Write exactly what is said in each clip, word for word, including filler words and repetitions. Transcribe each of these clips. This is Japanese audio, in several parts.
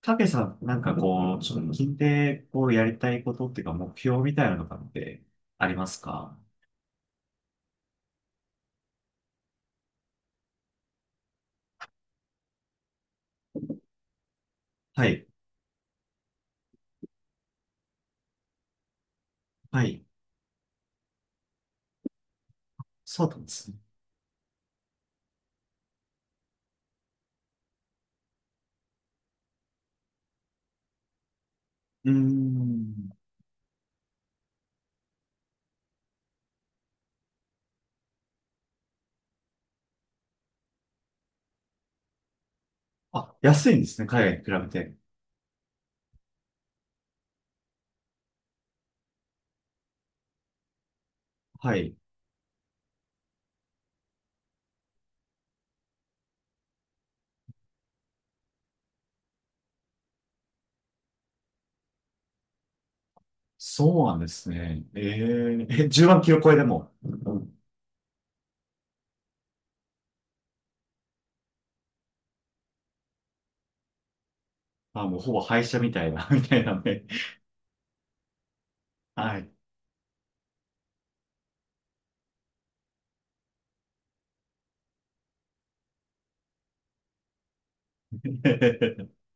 たけさん、なんかこう、ちょこう、やりたいことっていうか、目標みたいなのとかってありますか？はい。はい。そうなんですね。うーん。あ、安いんですね、海外に比べて。はい。そうなんですね。えー、え、じゅうまんキロ超えでも。あ、もうほぼ廃車みたいな、みたいなね。はい。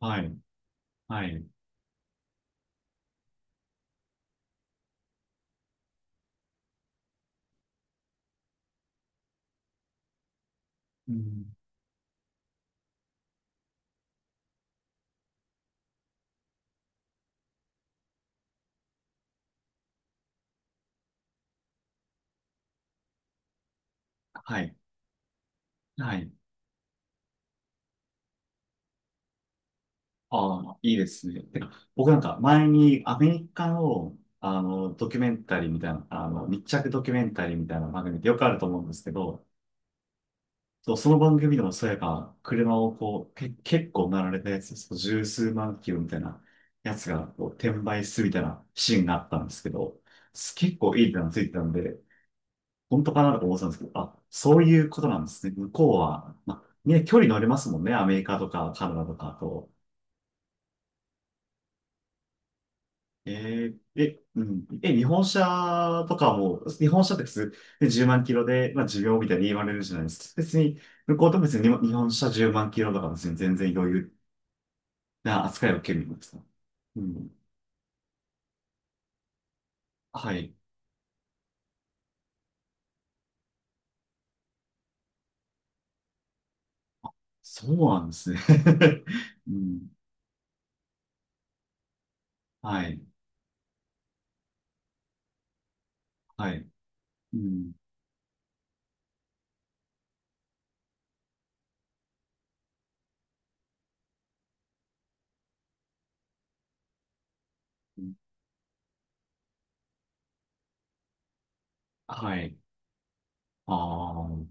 はい。はい。うん。はい。はい。ああ、いいですね。てか僕なんか前にアメリカの、あの、ドキュメンタリーみたいな、あの、密着ドキュメンタリーみたいな番組ってよくあると思うんですけど、そう、その番組でもそういえば、車をこう、け、結構なられたやつ、そうじゅうすうまんキロみたいなやつがこう転売するみたいなシーンがあったんですけど、す結構いい値段ついてたんで、本当かなとか思ってたんですけど、あ、そういうことなんですね。向こうは、まあ、ね、距離乗れますもんね、アメリカとかカナダとかと。えー、え、うん。え、日本車とかも、日本車って普通、でじゅうまんキロで、まあ、寿命みたいに言われるじゃないですか。別に、向こうと別に日本車じゅうまんキロとか別に全然余裕な扱いを受けるんですか？うん。はい。そうなんですね。うん。はい。はい。うん。はい。ああ、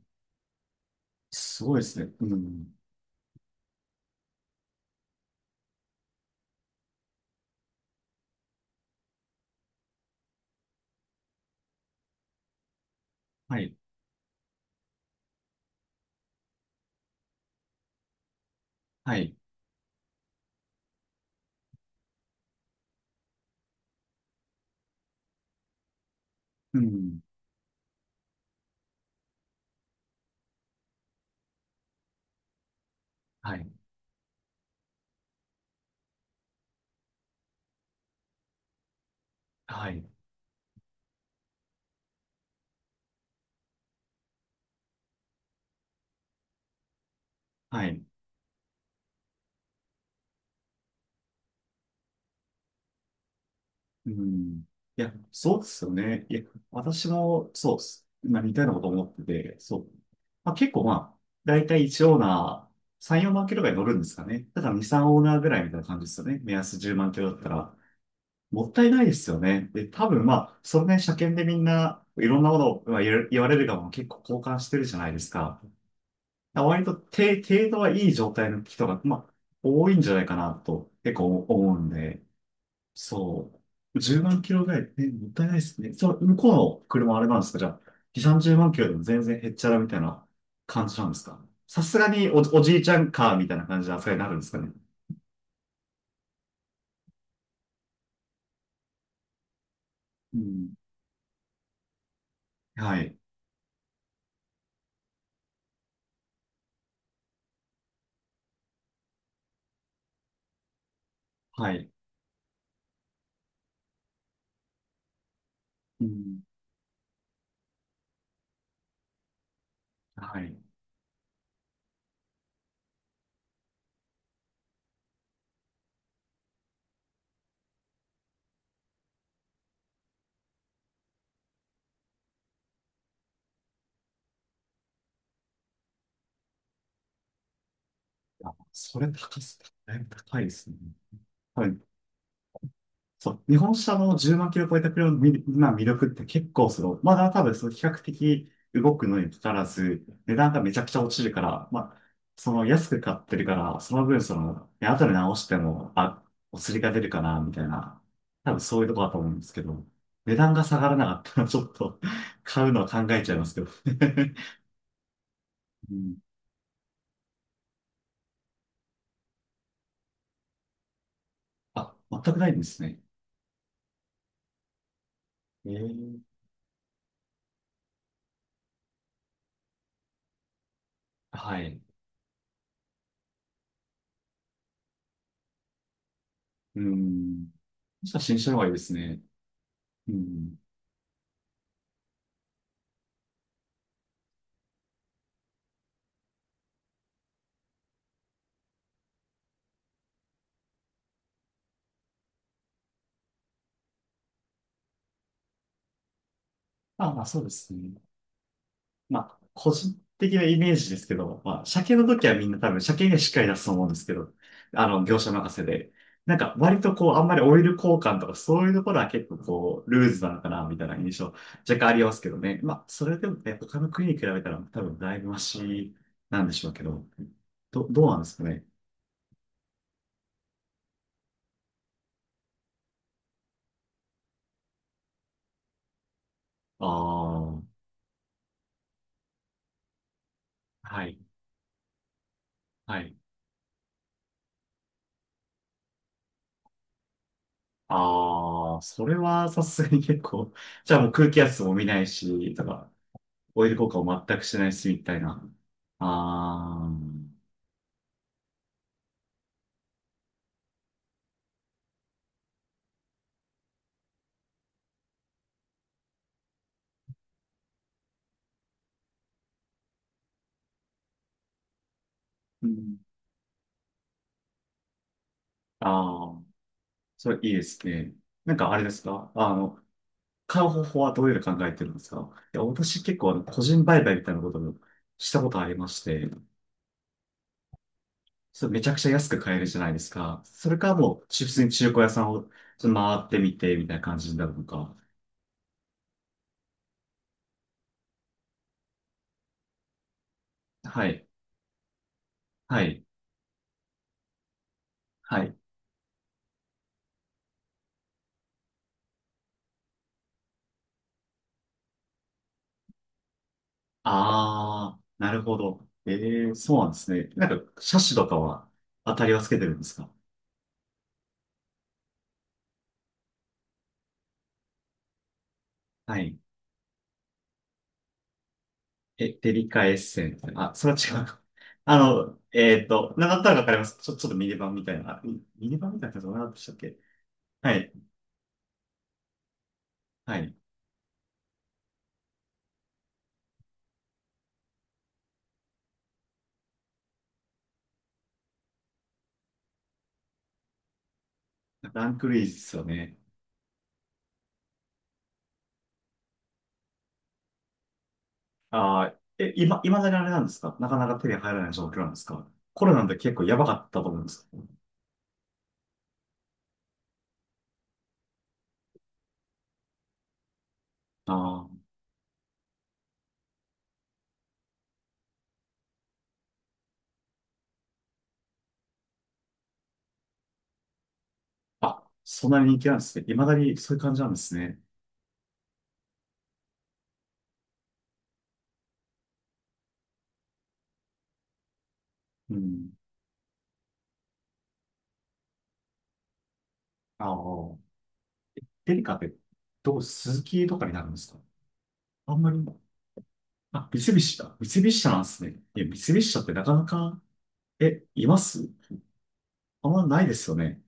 すごいですね。うん。はい。はい。うん。はい。はい。はい。うん。いや、そうですよね。いや、私も、そうっす。ま似たようなこと思ってて、そう。まあ、結構まあ、だいたいワンオーナー、さん、よんまんキロぐらい乗るんですかね。だからに、さんオーナーぐらいみたいな感じですよね。目安じゅうまんキロだったら。もったいないですよね。で、多分まあ、それね、車検でみんな、いろんなものをまあ言われ言われるがも結構交換してるじゃないですか。だから割と低、て程度はいい状態の人が、まあ、多いんじゃないかなと、結構思うんで。そう。じゅうまんキロぐらい、え、もったいないですね。そう、向こうの車あれなんですか？じゃあ、に、さんじゅうまんキロでも全然へっちゃらみたいな感じなんですか？さすがにお、おじいちゃんカーみたいな感じの扱いになるんですかね。うん。はい。はい。うん。はい。あ、それ高す、だいぶ高いですね。はい。そう、日本車のじゅうまんキロ超えた車の魅力まあ魅力って結構その、まだ多分その比較的動くのにかかわらず、値段がめちゃくちゃ落ちるから、まあ、その安く買ってるから、その分その、ね後で直しても、あ、お釣りが出るかな、みたいな、多分そういうとこだと思うんですけど、値段が下がらなかったらちょっと 買うのは考えちゃいますけど うん。あ、全くないんですね。ええ、はい。うん。そしたら新車の方がいいですね。うん。あ、まあそうですね。まあ、個人的なイメージですけど、まあ、車検の時はみんな多分車検がしっかり出すと思うんですけど、あの、業者任せで。なんか、割とこう、あんまりオイル交換とかそういうところは結構こう、ルーズなのかな、みたいな印象、若干ありますけどね。まあ、それでもね、他の国に比べたら多分だいぶマシなんでしょうけど、ど、どうなんですかね。ああ、はい、はい。ああ、それはさすがに結構、じゃあもう空気圧も見ないし、とか、オイル効果を全くしないし、みたいな。あー、うん。あー、ああそれいいですね。なんかあれですか？あの、買う方法はどういうの考えてるんですか？いや、私結構あの個人売買みたいなことをしたことありまして、それめちゃくちゃ安く買えるじゃないですか。それからもう、普通に中古屋さんをちょっと回ってみて、みたいな感じになるのか。はい、はい、はい。ああ、なるほど。ええ、そうなんですね。なんか、車種とかは当たりはつけてるんですか？はい。え、デリカエッセンス。あ、それは違うか。あの、えっと、なんだったらわかります。ちょ、ちょっとミニバンみたいな。あミミニバンみたいなやつどうなったでしたっけ？はい。はい。ランクルイズですよね。ああ、え、今、今、だにあれなんですか？なかなか手に入らない状況なんですか？コロナで結構やばかったと思うんですけど。ああ、あ、そんなに人気なんですね。未だにそういう感じなんですね。うん。ああ、デリカって、どう、スズキとかになるんですか？あんまり、あ、三菱だ。三菱車なんですね。いや、三菱車ってなかなか、え、います？あんまないですよね。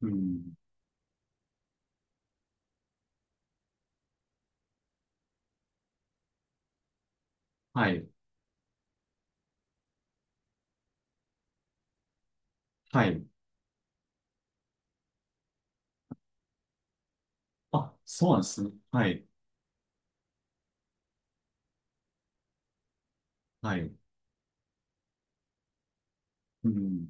うん。はい。はい。あ、そうなんですね。はい。はい。うん。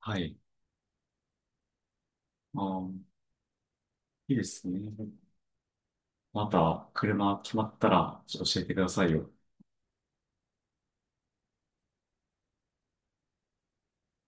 はい。あー、いいですね。また、車決まったら、ちょっと教えてくださいよ。